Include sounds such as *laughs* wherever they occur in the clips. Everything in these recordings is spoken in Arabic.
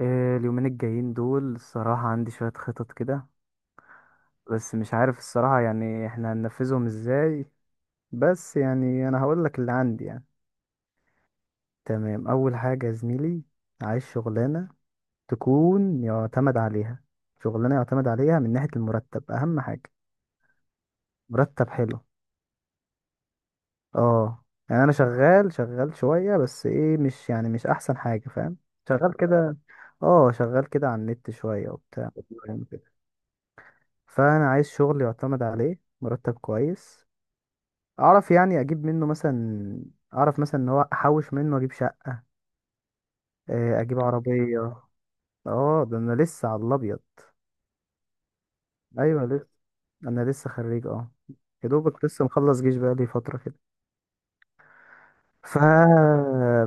اليومين الجايين دول الصراحة عندي شوية خطط كده. بس مش عارف الصراحة، يعني احنا هننفذهم ازاي؟ بس يعني انا هقولك اللي عندي يعني. تمام، اول حاجة يا زميلي، عايز شغلانة تكون يعتمد عليها، شغلانة يعتمد عليها من ناحية المرتب، اهم حاجة مرتب حلو. اه يعني انا شغال شوية، بس ايه، مش يعني مش احسن حاجة، فاهم؟ شغال كده، اه شغال كده على النت شوية وبتاع. فانا عايز شغل يعتمد عليه، مرتب كويس، اعرف يعني اجيب منه مثلا، اعرف مثلا ان هو احوش منه اجيب شقة، اجيب عربية. اه ده انا لسه على الابيض. ايوه لسه، انا لسه خريج اه. يا دوبك لسه مخلص جيش بقالي فترة كده. ف...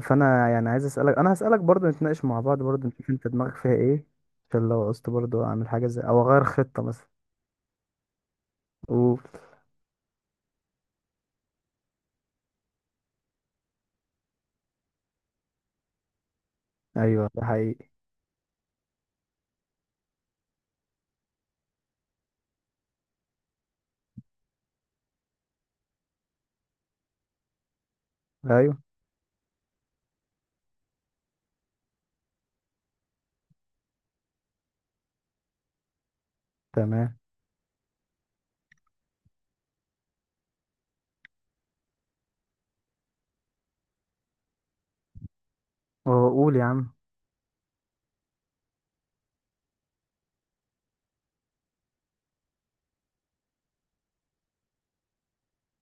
فانا يعني عايز اسالك، انا هسالك برضو، نتناقش مع بعض برضو، نشوف انت دماغك فيها ايه، عشان لو عوزت برضو اعمل حاجة زي، او اغير خطة مثلا. قول. ايوه ده حقيقي. ايوه. تمام. وقول يا عم.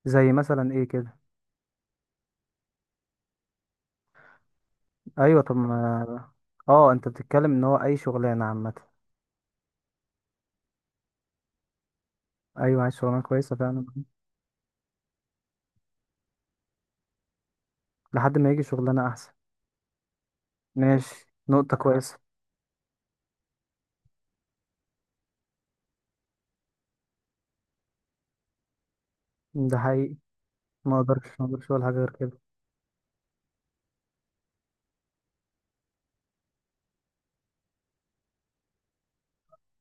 زي مثلا ايه كده؟ ايوه طب ما، اه انت بتتكلم ان هو اي شغلانه عامه. ايوه عايز شغلانه كويسه فعلا. لحد ما يجي شغلانه احسن. ماشي، نقطه كويسه. ده حقيقي. ما اقدرش، ما اقدرش ولا حاجه غير كده.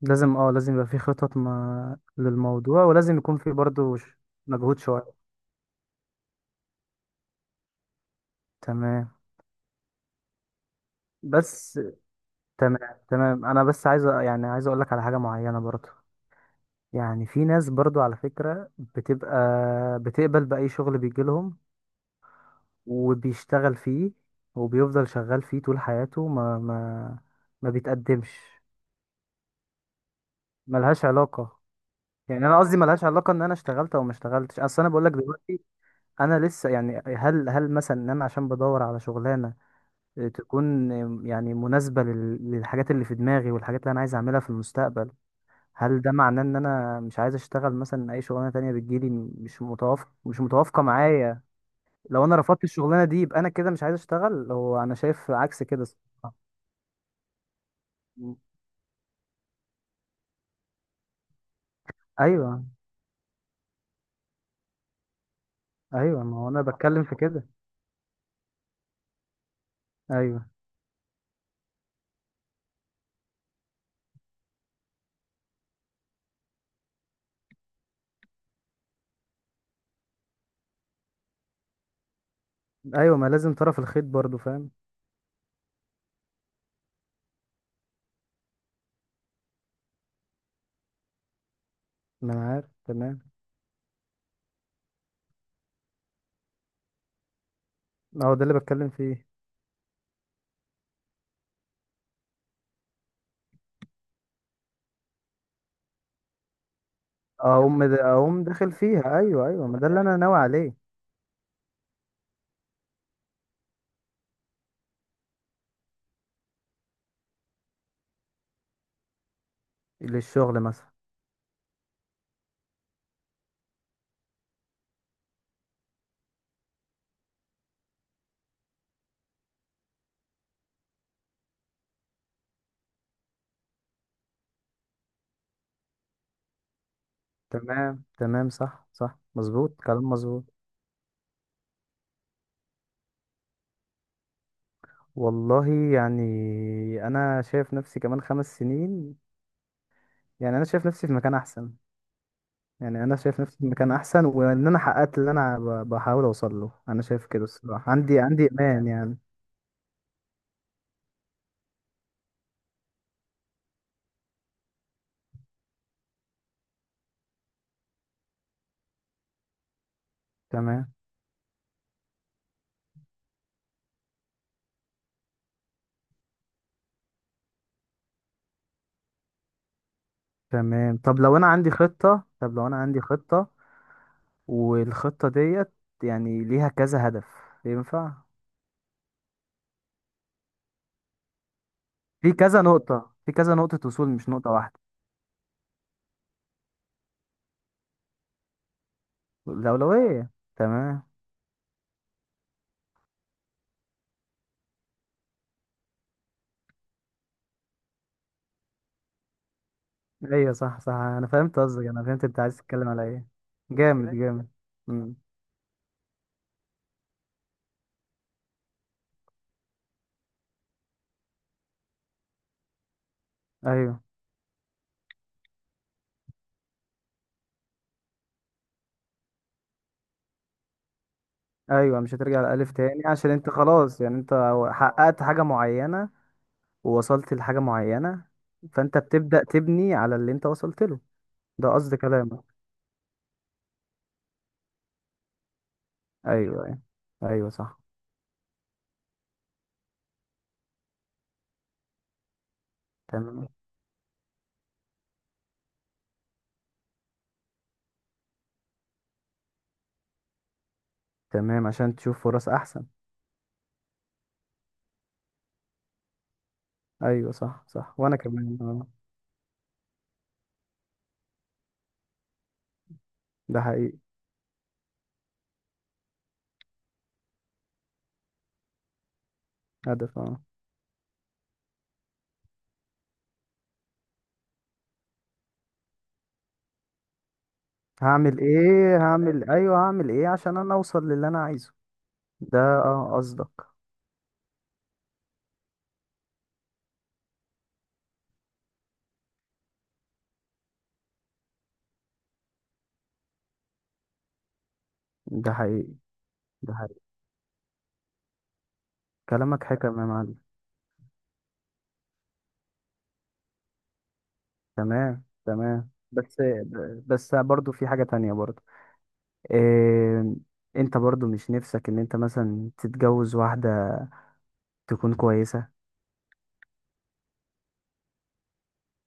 لازم، اه لازم يبقى في خطط ما للموضوع، ولازم يكون في برضه مجهود شويه. تمام. بس تمام تمام، انا بس عايز يعني عايز اقول لك على حاجه معينه برضه. يعني في ناس برضو على فكرة بتبقى بتقبل بأي شغل بيجيلهم وبيشتغل فيه وبيفضل شغال فيه طول حياته، ما ما بيتقدمش. ملهاش علاقة، يعني انا قصدي ملهاش علاقة ان انا اشتغلت او ما اشتغلتش. اصل انا بقولك دلوقتي انا لسه، يعني هل مثلا ان انا عشان بدور على شغلانة تكون، يعني مناسبة للحاجات اللي في دماغي والحاجات اللي انا عايز اعملها في المستقبل، هل ده معناه ان انا مش عايز اشتغل مثلا اي شغلانة تانية بتجيلي مش متوافق، مش متوافقة معايا؟ لو انا رفضت الشغلانة دي يبقى انا كده مش عايز اشتغل، هو انا شايف عكس كده. مم. ايوه ايوه، ما هو انا بتكلم في كده. ايوه ايوه، ما لازم طرف الخيط برضو، فاهم. ما انا عارف تمام. اهو ده اللي بتكلم فيه. اقوم اقوم داخل فيها، ايوه ايوه، ما ده اللي انا ناوي عليه. للشغل مثلا. تمام تمام، صح صح، مظبوط كلام مظبوط. والله، يعني، انا شايف نفسي كمان خمس سنين، يعني انا شايف نفسي في مكان احسن، يعني انا شايف نفسي في مكان احسن وان انا حققت اللي انا بحاول اوصل له. انا شايف كده الصراحه، عندي عندي ايمان يعني. تمام. تمام، طب لو انا عندي خطة، طب لو انا عندي خطة، والخطة ديت يعني ليها كذا هدف، ينفع؟ في كذا نقطة، في كذا نقطة وصول، مش نقطة واحدة. الأولوية، تمام. ايوه صح صح، انا فهمت قصدك، انا فهمت انت عايز تتكلم على ايه. جامد جامد. امم. ايوه ايوه، مش هترجع لألف تاني عشان انت خلاص يعني انت حققت حاجة معينة ووصلت لحاجة معينة، فانت بتبدأ تبني على اللي انت وصلت له، ده قصد كلامك. ايوه ايوه. ايوه صح. تمام تمام عشان تشوف فرص احسن. ايوه صح صح، وانا كمان اه. ده حقيقي. هدف اه. هعمل ايه، هعمل ايه عشان انا اوصل للي انا عايزه، ده اه قصدك. ده حقيقي. ده حقيقي، كلامك حكم يا معلم. تمام تمام، بس، بس برضو في حاجة تانية برضو. إيه؟ انت برضو مش نفسك ان انت مثلا تتجوز واحدة تكون كويسة؟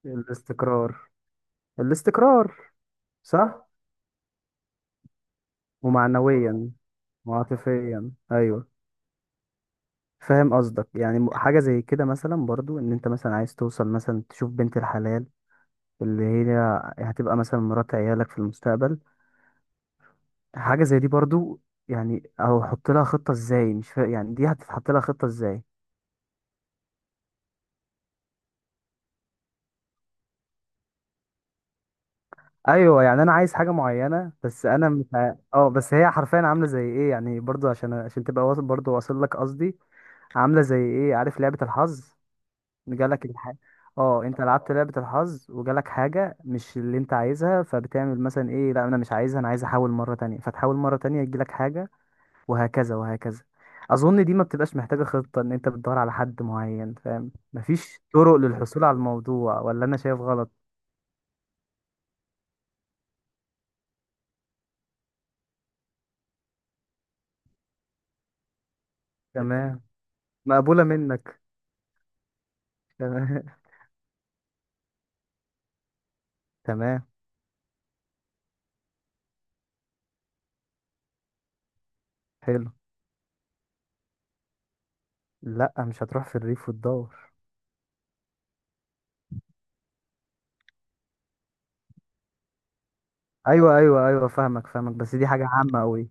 الاستقرار. الاستقرار. صح. ومعنويا وعاطفيا، ايوه. فاهم قصدك، يعني حاجه زي كده مثلا برضو، ان انت مثلا عايز توصل مثلا تشوف بنت الحلال اللي هي هتبقى مثلا مرات عيالك في المستقبل. حاجه زي دي برضو، يعني، او حط لها خطه ازاي، مش يعني دي هتتحط لها خطه ازاي؟ ايوه، يعني انا عايز حاجه معينه، بس انا مش اه بس هي حرفيا عامله زي ايه، يعني برضو عشان، عشان تبقى واصل، برضو واصل لك قصدي. عامله زي ايه، عارف لعبه الحظ؟ جالك الح... اه انت لعبت لعبة الحظ وجالك حاجة مش اللي انت عايزها، فبتعمل مثلا ايه، لا انا مش عايزها انا عايز احاول مرة تانية، فتحاول مرة تانية يجيلك حاجة، وهكذا وهكذا. اظن دي ما بتبقاش محتاجة خطة، ان انت بتدور على حد معين، فاهم؟ مفيش طرق للحصول على الموضوع، ولا انا شايف غلط؟ تمام. مقبولة منك. تمام *laughs* تمام حلو. لا مش هتروح في الريف وتدور. ايوه ايوه ايوه فاهمك فاهمك، بس دي حاجة عامة قوي.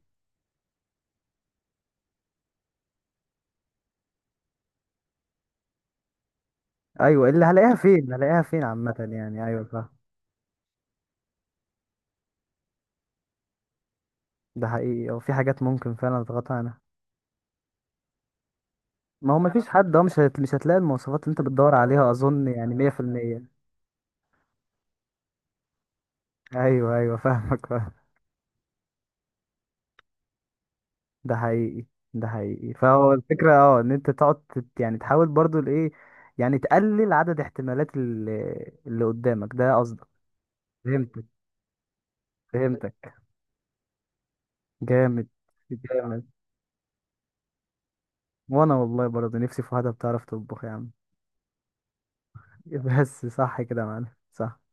ايوه، اللي هلاقيها فين، هلاقيها فين، عامة يعني، ايوه فاهم. ده حقيقي، او في حاجات ممكن فعلا تضغط عنها. ما هو مفيش حد، اه مش هتلاقي المواصفات اللي انت بتدور عليها اظن، يعني 100%. ايوه ايوه فاهمك *laughs* فاهم. ده حقيقي. ده حقيقي، فهو الفكره اه، ان انت تقعد يعني تحاول برضو الايه، يعني تقلل عدد احتمالات اللي قدامك، ده قصدك. فهمتك فهمتك. جامد جامد. وانا والله برضو نفسي في واحده بتعرف تطبخ يا عم. *laughs* بس صح كده يا معلم، صح.